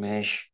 ماشي.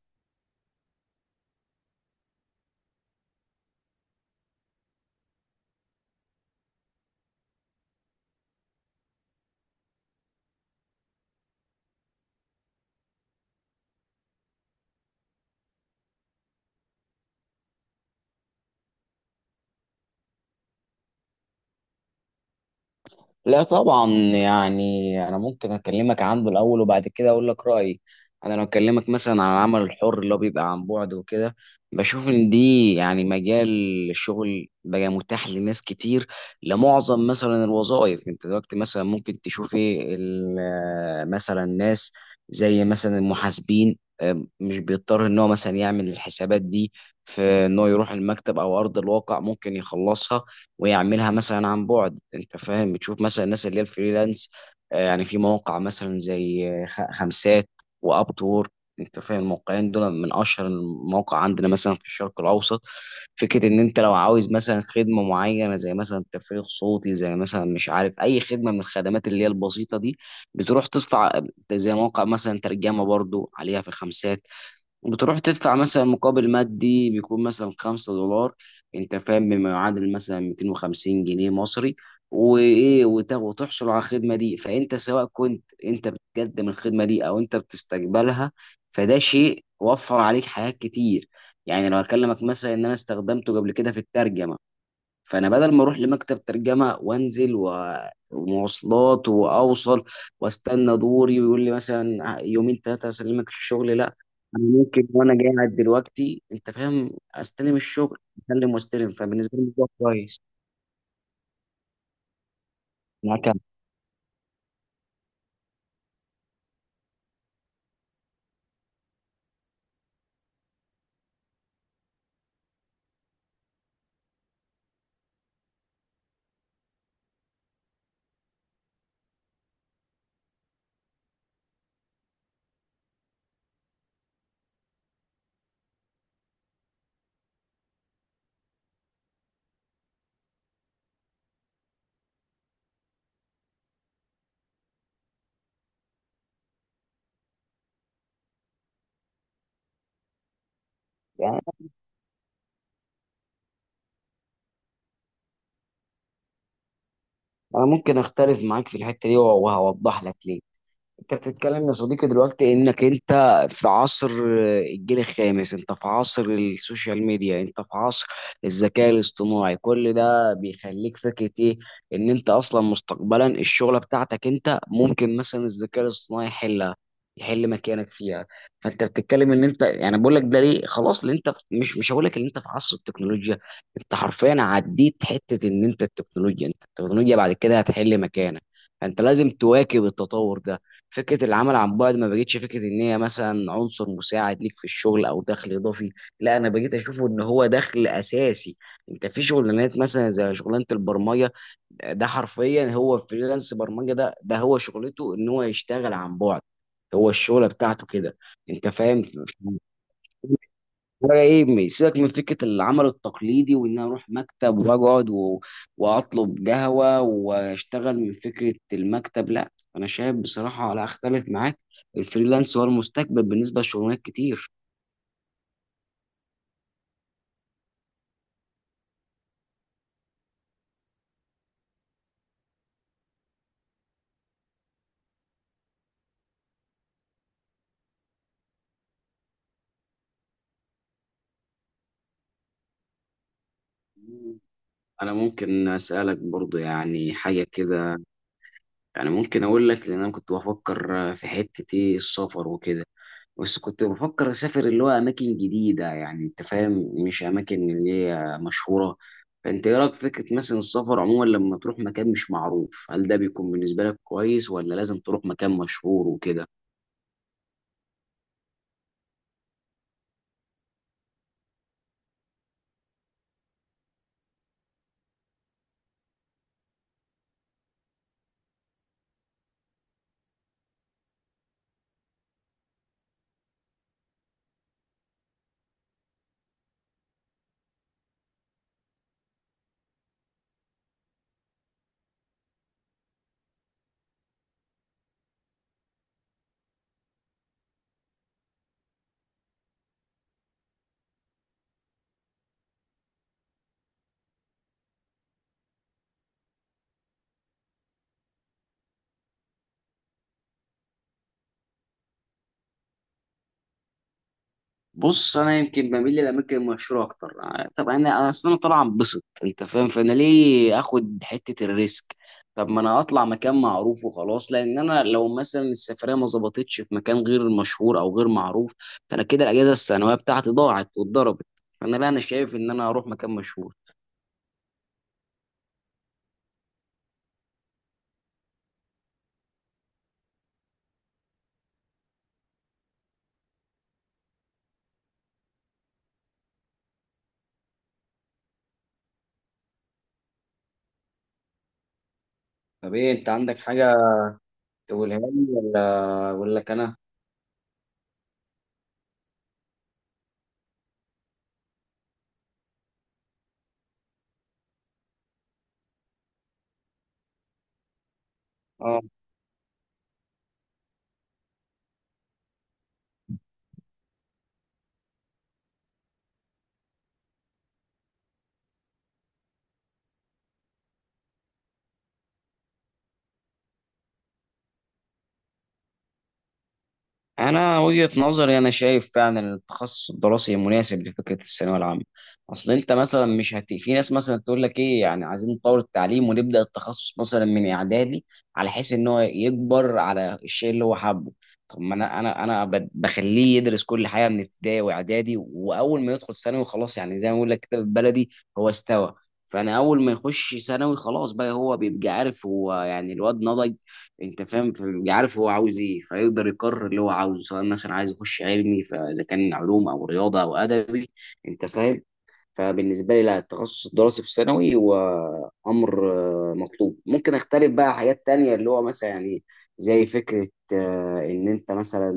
لا، طبعا يعني انا ممكن اكلمك عنه الاول وبعد كده اقول لك رايي. انا لو اكلمك مثلا عن العمل الحر اللي هو بيبقى عن بعد وكده، بشوف ان دي يعني مجال الشغل بقى متاح لناس كتير، لمعظم مثلا الوظائف. انت دلوقتي مثلا ممكن تشوف ايه مثلا ناس زي مثلا المحاسبين، مش بيضطر ان هو مثلا يعمل الحسابات دي في ان هو يروح المكتب او ارض الواقع، ممكن يخلصها ويعملها مثلا عن بعد. انت فاهم، بتشوف مثلا الناس اللي هي الفريلانس. يعني في مواقع مثلا زي خمسات واب وورك. انت فاهم الموقعين دول من اشهر المواقع عندنا مثلا في الشرق الاوسط. فكره ان انت لو عاوز مثلا خدمه معينه زي مثلا تفريغ صوتي، زي مثلا مش عارف اي خدمه من الخدمات اللي هي البسيطه دي، بتروح تدفع، زي موقع مثلا ترجمه برضو عليها في الخمسات، بتروح تدفع مثلا مقابل مادي بيكون مثلا 5 دولار، انت فاهم، بما يعادل مثلا 250 جنيه مصري، وايه وتحصل على الخدمه دي. فانت سواء كنت انت بتقدم الخدمه دي او انت بتستقبلها، فده شيء وفر عليك حاجات كتير. يعني لو اكلمك مثلا ان انا استخدمته قبل كده في الترجمه، فانا بدل ما اروح لمكتب ترجمه وانزل ومواصلات واوصل واستنى دوري ويقول لي مثلا يومين ثلاثه اسلمك الشغل، لا، انا ممكن وانا قاعد دلوقتي، انت فاهم، استلم الشغل اسلم واستلم. فبالنسبه لي ده كويس. معاك. يعني انا ممكن اختلف معاك في الحته دي، وهوضح لك ليه. انت بتتكلم يا صديقي دلوقتي انك انت في عصر الجيل الخامس، انت في عصر السوشيال ميديا، انت في عصر الذكاء الاصطناعي. كل ده بيخليك فكرة ايه؟ ان انت اصلا مستقبلا الشغلة بتاعتك انت ممكن مثلا الذكاء الاصطناعي يحلها، يحل مكانك فيها. فانت بتتكلم ان انت يعني، بقول لك ده ليه، خلاص اللي انت مش هقول لك ان انت في عصر التكنولوجيا، انت حرفيا عديت حتة ان انت التكنولوجيا، انت التكنولوجيا بعد كده هتحل مكانك. فانت لازم تواكب التطور ده. فكره العمل عن بعد ما بقتش فكره ان هي مثلا عنصر مساعد ليك في الشغل او دخل اضافي، لا، انا بقيت اشوفه ان هو دخل اساسي. انت في شغلانات مثلا زي شغلانه البرمجه، ده حرفيا هو فريلانس. برمجه ده هو شغلته، ان هو يشتغل عن بعد. هو الشغله بتاعته كده. انت فاهم، ولا ايه؟ سيبك من فكره العمل التقليدي وان انا اروح مكتب واقعد واطلب قهوه واشتغل من فكره المكتب. لا، انا شايف بصراحه، لا اختلف معاك، الفريلانس هو المستقبل بالنسبه لشغلانات كتير. انا ممكن اسالك برضو يعني حاجه كده. يعني ممكن اقول لك لان انا كنت بفكر في حته ايه، السفر وكده، بس كنت بفكر اسافر اللي هو اماكن جديده، يعني انت فاهم، مش اماكن اللي هي مشهوره. فانت ايه رايك في فكره مثلا السفر عموما؟ لما تروح مكان مش معروف، هل ده بيكون بالنسبه لك كويس، ولا لازم تروح مكان مشهور وكده؟ بص، انا يمكن بميل للاماكن المشهوره اكتر. طب انا اصلا انا طالع انبسط، انت فاهم، فانا ليه اخد حته الريسك؟ طب ما انا اطلع مكان معروف وخلاص، لان انا لو مثلا السفريه ما ظبطتش في مكان غير مشهور او غير معروف، فانا كده الاجازه السنويه بتاعتي ضاعت واتضربت. فانا لا، انا شايف ان انا اروح مكان مشهور. طب ايه، انت عندك حاجه تقولها لي ولا لك انا؟ انا وجهة نظري، انا شايف فعلا إن التخصص الدراسي مناسب لفكره الثانويه العامه. اصل انت مثلا مش هت... في ناس مثلا تقول لك ايه، يعني عايزين نطور التعليم ونبدا التخصص مثلا من اعدادي، على حيث ان هو يكبر على الشيء اللي هو حابه. طب ما انا بخليه يدرس كل حاجه من ابتدائي واعدادي، واول ما يدخل ثانوي خلاص، يعني زي ما بقول لك كده بالبلدي، هو استوى. فانا اول ما يخش ثانوي، خلاص بقى هو بيبقى عارف هو، يعني الواد نضج، انت فاهم، فبيبقى عارف هو عاوز ايه، فيقدر يقرر اللي هو عاوزه، سواء مثلا عايز يخش علمي، فاذا كان علوم او رياضه او ادبي، انت فاهم. فبالنسبة لي، لا، التخصص الدراسي في ثانوي هو أمر مطلوب. ممكن أختلف بقى حاجات تانية اللي هو مثلا، يعني، زي فكرة إن أنت مثلا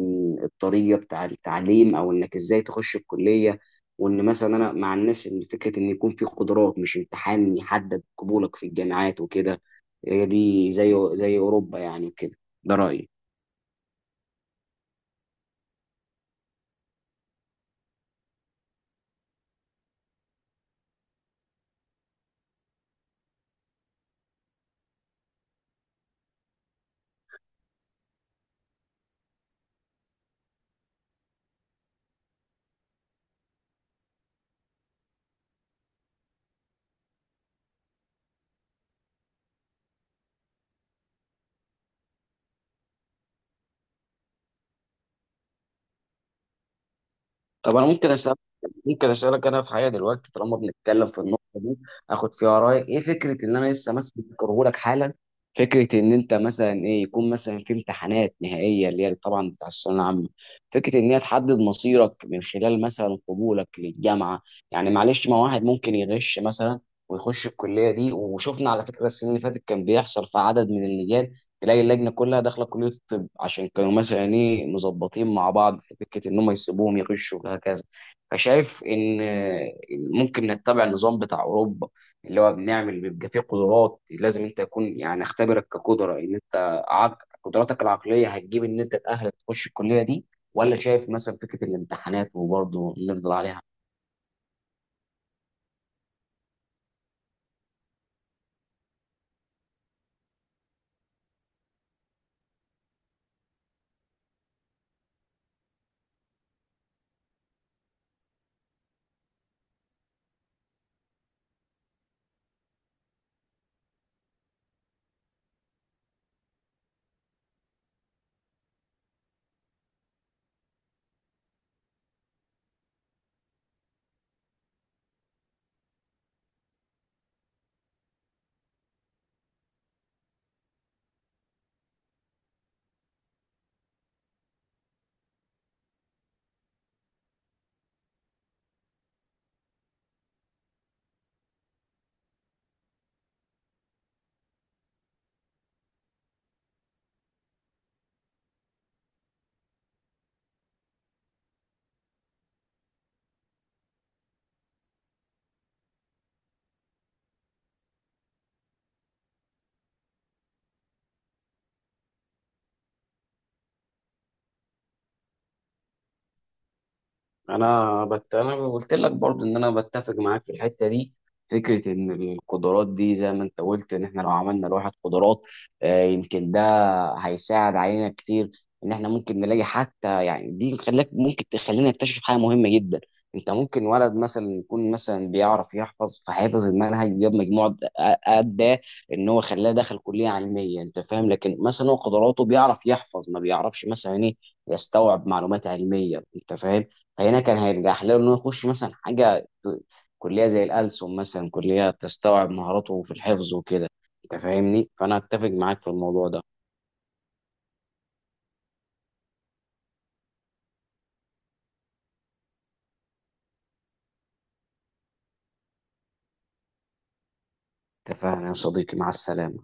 الطريقة بتاع التعليم، أو إنك إزاي تخش الكلية. وإن مثلا أنا مع الناس إن فكرة إن يكون في قدرات، مش امتحان، يحدد قبولك في الجامعات وكده. هي دي زي أوروبا يعني كده. ده رأيي. طب انا ممكن اسالك انا في حاجه دلوقتي طالما بنتكلم في النقطه دي، اخد فيها رايك. ايه فكره ان انا لسه مثلا بذكره لك حالا، فكره ان انت مثلا ايه، يكون مثلا في امتحانات نهائيه، اللي هي طبعا بتاع الثانويه العامه، فكره ان هي تحدد مصيرك من خلال مثلا قبولك للجامعه؟ يعني معلش، ما واحد ممكن يغش مثلا ويخش الكليه دي، وشفنا على فكره السنين اللي فاتت كان بيحصل في عدد من اللي تلاقي اللجنه كلها داخله كليه الطب، عشان كانوا مثلا ايه، مظبطين مع بعض في فكره ان هم يسيبوهم يغشوا، وهكذا. فشايف ان ممكن نتبع النظام بتاع اوروبا، اللي هو بنعمل بيبقى فيه قدرات، لازم انت يكون، يعني، اختبرك كقدره ان انت قدراتك العقليه هتجيب ان انت، تاهلك تخش الكليه دي، ولا شايف مثلا فكره الامتحانات وبرضه نفضل عليها؟ انا قلت لك برضو ان انا بتفق معاك في الحته دي. فكره ان القدرات دي زي ما انت قلت، ان احنا لو عملنا لواحد قدرات، يمكن ده هيساعد علينا كتير ان احنا ممكن نلاقي، حتى يعني دي خلاك ممكن تخلينا نكتشف حاجه مهمه جدا. انت ممكن ولد مثلا يكون مثلا بيعرف يحفظ، فحافظ المنهج جاب مجموع، ادى ان هو خلاه دخل كليه علميه، انت فاهم، لكن مثلا هو قدراته بيعرف يحفظ، ما بيعرفش مثلا ايه، يستوعب معلومات علميه، انت فاهم، فهنا كان هيرجح له انه يخش مثلا كليه زي الألسن مثلا، كليه تستوعب مهاراته في الحفظ وكده، انت فاهمني، فانا اتفق معاك في الموضوع ده. اتفقنا يا صديقي، مع السلامه.